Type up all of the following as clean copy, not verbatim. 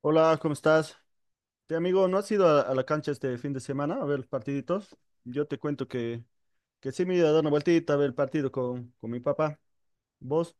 Hola, ¿cómo estás? Te amigo, ¿no has ido a la cancha este fin de semana a ver los partiditos? Yo te cuento que sí me he ido a dar una vueltita a ver el partido con mi papá. ¿Vos?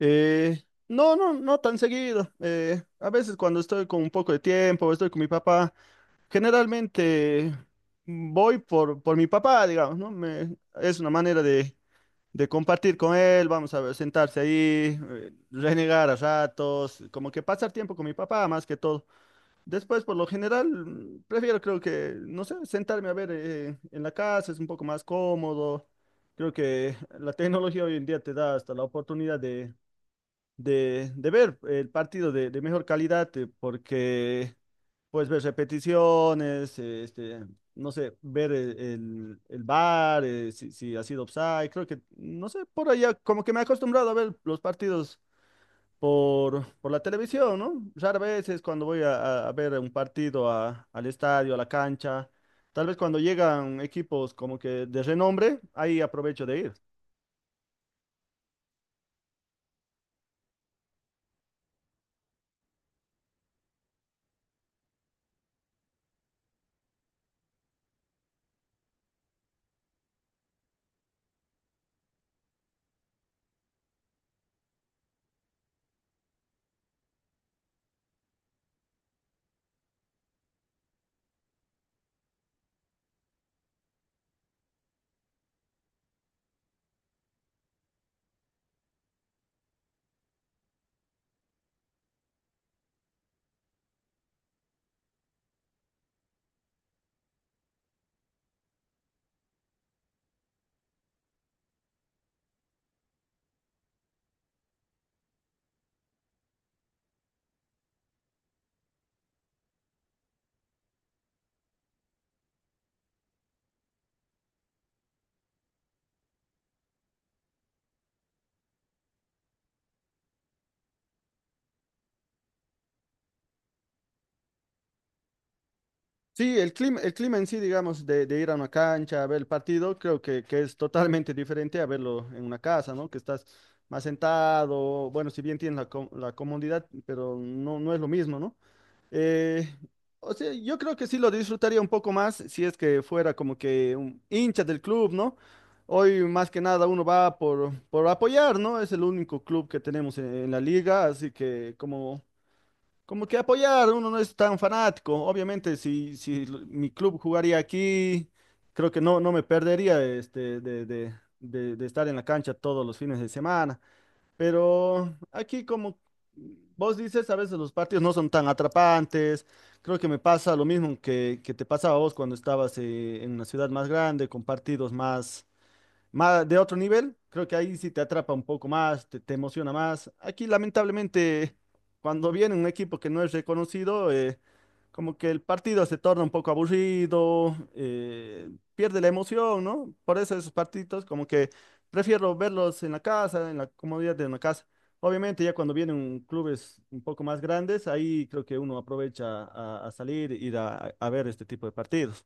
Eh, no tan seguido. A veces cuando estoy con un poco de tiempo, estoy con mi papá, generalmente voy por mi papá, digamos, ¿no? Es una manera de compartir con él, vamos a ver, sentarse ahí, renegar a ratos, como que pasar tiempo con mi papá más que todo. Después, por lo general, prefiero creo que, no sé, sentarme a ver en la casa, es un poco más cómodo. Creo que la tecnología hoy en día te da hasta la oportunidad de ver el partido de mejor calidad, porque puedes ver repeticiones, no sé, ver el VAR, si ha sido offside. Creo que, no sé, por allá, como que me he acostumbrado a ver los partidos por la televisión, ¿no? Raras veces cuando voy a ver un partido al estadio, a la cancha, tal vez cuando llegan equipos como que de renombre, ahí aprovecho de ir. Sí, el clima en sí, digamos, de ir a una cancha a ver el partido, creo que es totalmente diferente a verlo en una casa, ¿no? Que estás más sentado, bueno, si bien tienes la comodidad, pero no, no es lo mismo, ¿no? Eh, o sea, yo creo que sí lo disfrutaría un poco más si es que fuera como que un hincha del club, ¿no? Hoy más que nada uno va por apoyar, ¿no? Es el único club que tenemos en la liga, así que como, como que apoyar, uno no es tan fanático. Obviamente, si mi club jugaría aquí, creo que no, no me perdería este, de estar en la cancha todos los fines de semana. Pero aquí como vos dices, a veces los partidos no son tan atrapantes. Creo que me pasa lo mismo que te pasaba a vos cuando estabas en una ciudad más grande, con partidos más de otro nivel, creo que ahí sí te atrapa un poco más, te emociona más. Aquí, lamentablemente, cuando viene un equipo que no es reconocido, como que el partido se torna un poco aburrido, pierde la emoción, ¿no? Por eso esos partidos, como que prefiero verlos en la casa, en la comodidad de una casa. Obviamente, ya cuando vienen clubes un poco más grandes, ahí creo que uno aprovecha a salir, ir a ver este tipo de partidos.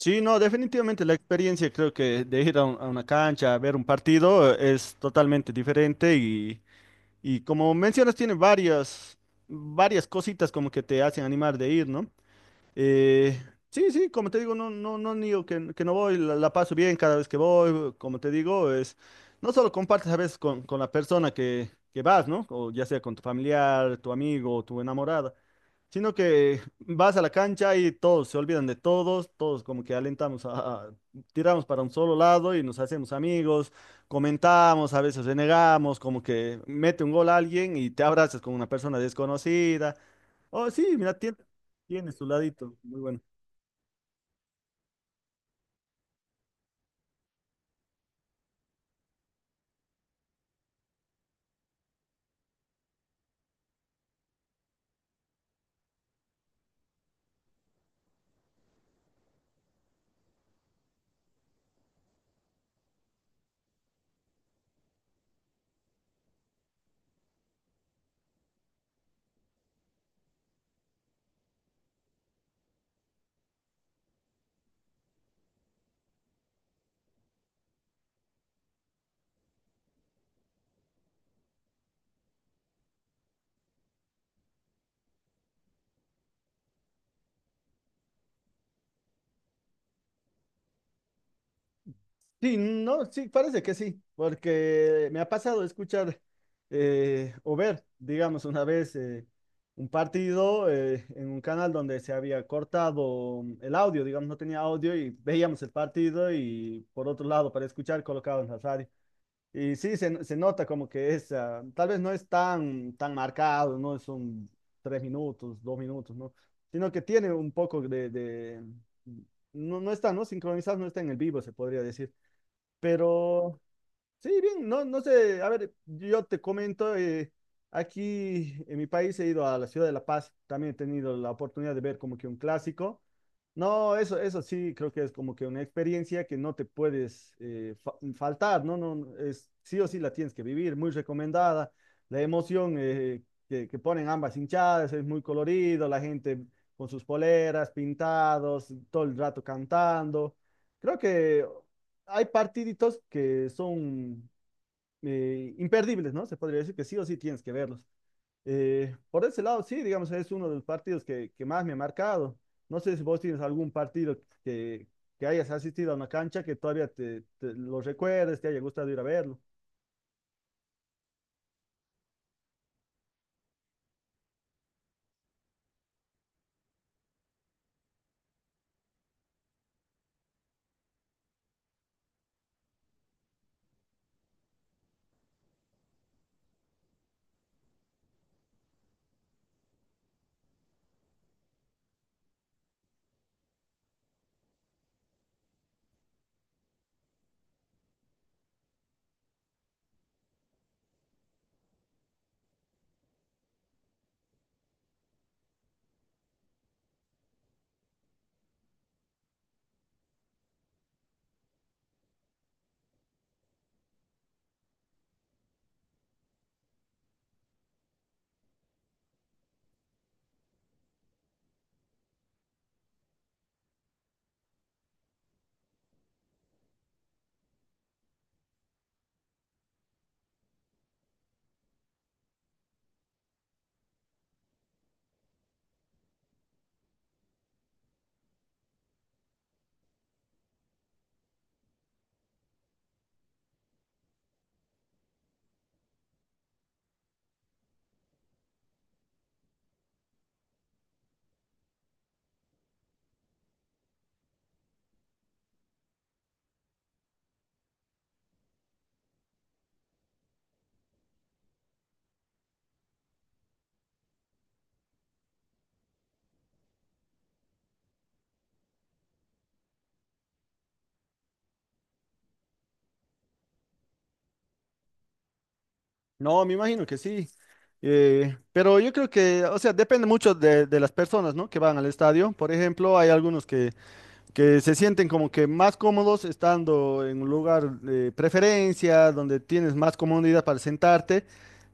Sí, no, definitivamente la experiencia creo que de ir a, a una cancha a ver un partido es totalmente diferente y como mencionas tiene varias, varias cositas como que te hacen animar de ir, ¿no? Eh, sí, sí, como te digo, no, no, no niego que no voy, la paso bien cada vez que voy, como te digo, es, no solo compartes a veces con la persona que vas, ¿no? O ya sea con tu familiar, tu amigo o tu enamorada. Sino que vas a la cancha y todos se olvidan de todos, todos como que alentamos a- tiramos para un solo lado y nos hacemos amigos, comentamos, a veces renegamos, como que mete un gol a alguien y te abrazas con una persona desconocida. Oh, sí, mira, tiene, tiene su ladito, muy bueno. Sí, no, sí, parece que sí, porque me ha pasado escuchar o ver, digamos, una vez un partido en un canal donde se había cortado el audio, digamos, no tenía audio y veíamos el partido y por otro lado para escuchar colocado en la radio. Y sí, se nota como que es, ah, tal vez no es tan, tan marcado, no son tres minutos, dos minutos, ¿no? Sino que tiene un poco no, no está, ¿no? Sincronizado, no está en el vivo, se podría decir. Pero sí, bien, no, no sé, a ver, yo te comento, aquí en mi país he ido a la ciudad de La Paz, también he tenido la oportunidad de ver como que un clásico. No, eso sí, creo que es como que una experiencia que no te puedes faltar, ¿no? No, no, es, sí o sí la tienes que vivir, muy recomendada. La emoción que ponen ambas hinchadas es muy colorido, la gente con sus poleras, pintados, todo el rato cantando. Creo que hay partiditos que son imperdibles, ¿no? Se podría decir que sí o sí tienes que verlos. Por ese lado, sí, digamos, es uno de los partidos que más me ha marcado. No sé si vos tienes algún partido que, que hayas asistido a una cancha que todavía te lo recuerdes, te haya gustado ir a verlo. No, me imagino que sí. Pero yo creo que, o sea, depende mucho de las personas, ¿no? Que van al estadio. Por ejemplo, hay algunos que se sienten como que más cómodos estando en un lugar de preferencia, donde tienes más comodidad para sentarte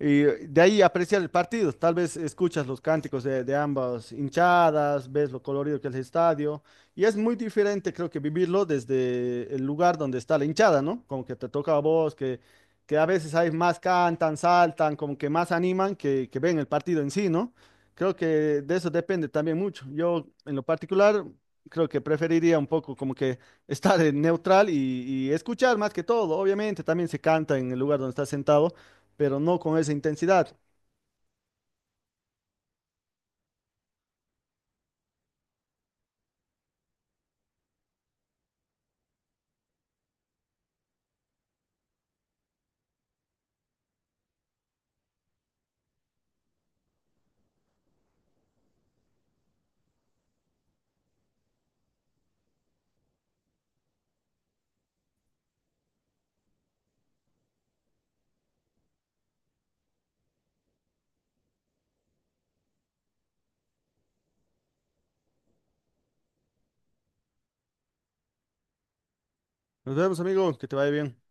y de ahí apreciar el partido. Tal vez escuchas los cánticos de ambas hinchadas, ves lo colorido que es el estadio y es muy diferente creo que vivirlo desde el lugar donde está la hinchada, ¿no? Como que te toca a vos, que a veces hay más cantan, saltan, como que más animan que ven el partido en sí, ¿no? Creo que de eso depende también mucho. Yo, en lo particular, creo que preferiría un poco como que estar en neutral y escuchar más que todo. Obviamente también se canta en el lugar donde estás sentado, pero no con esa intensidad. Nos vemos, amigo, que te vaya bien.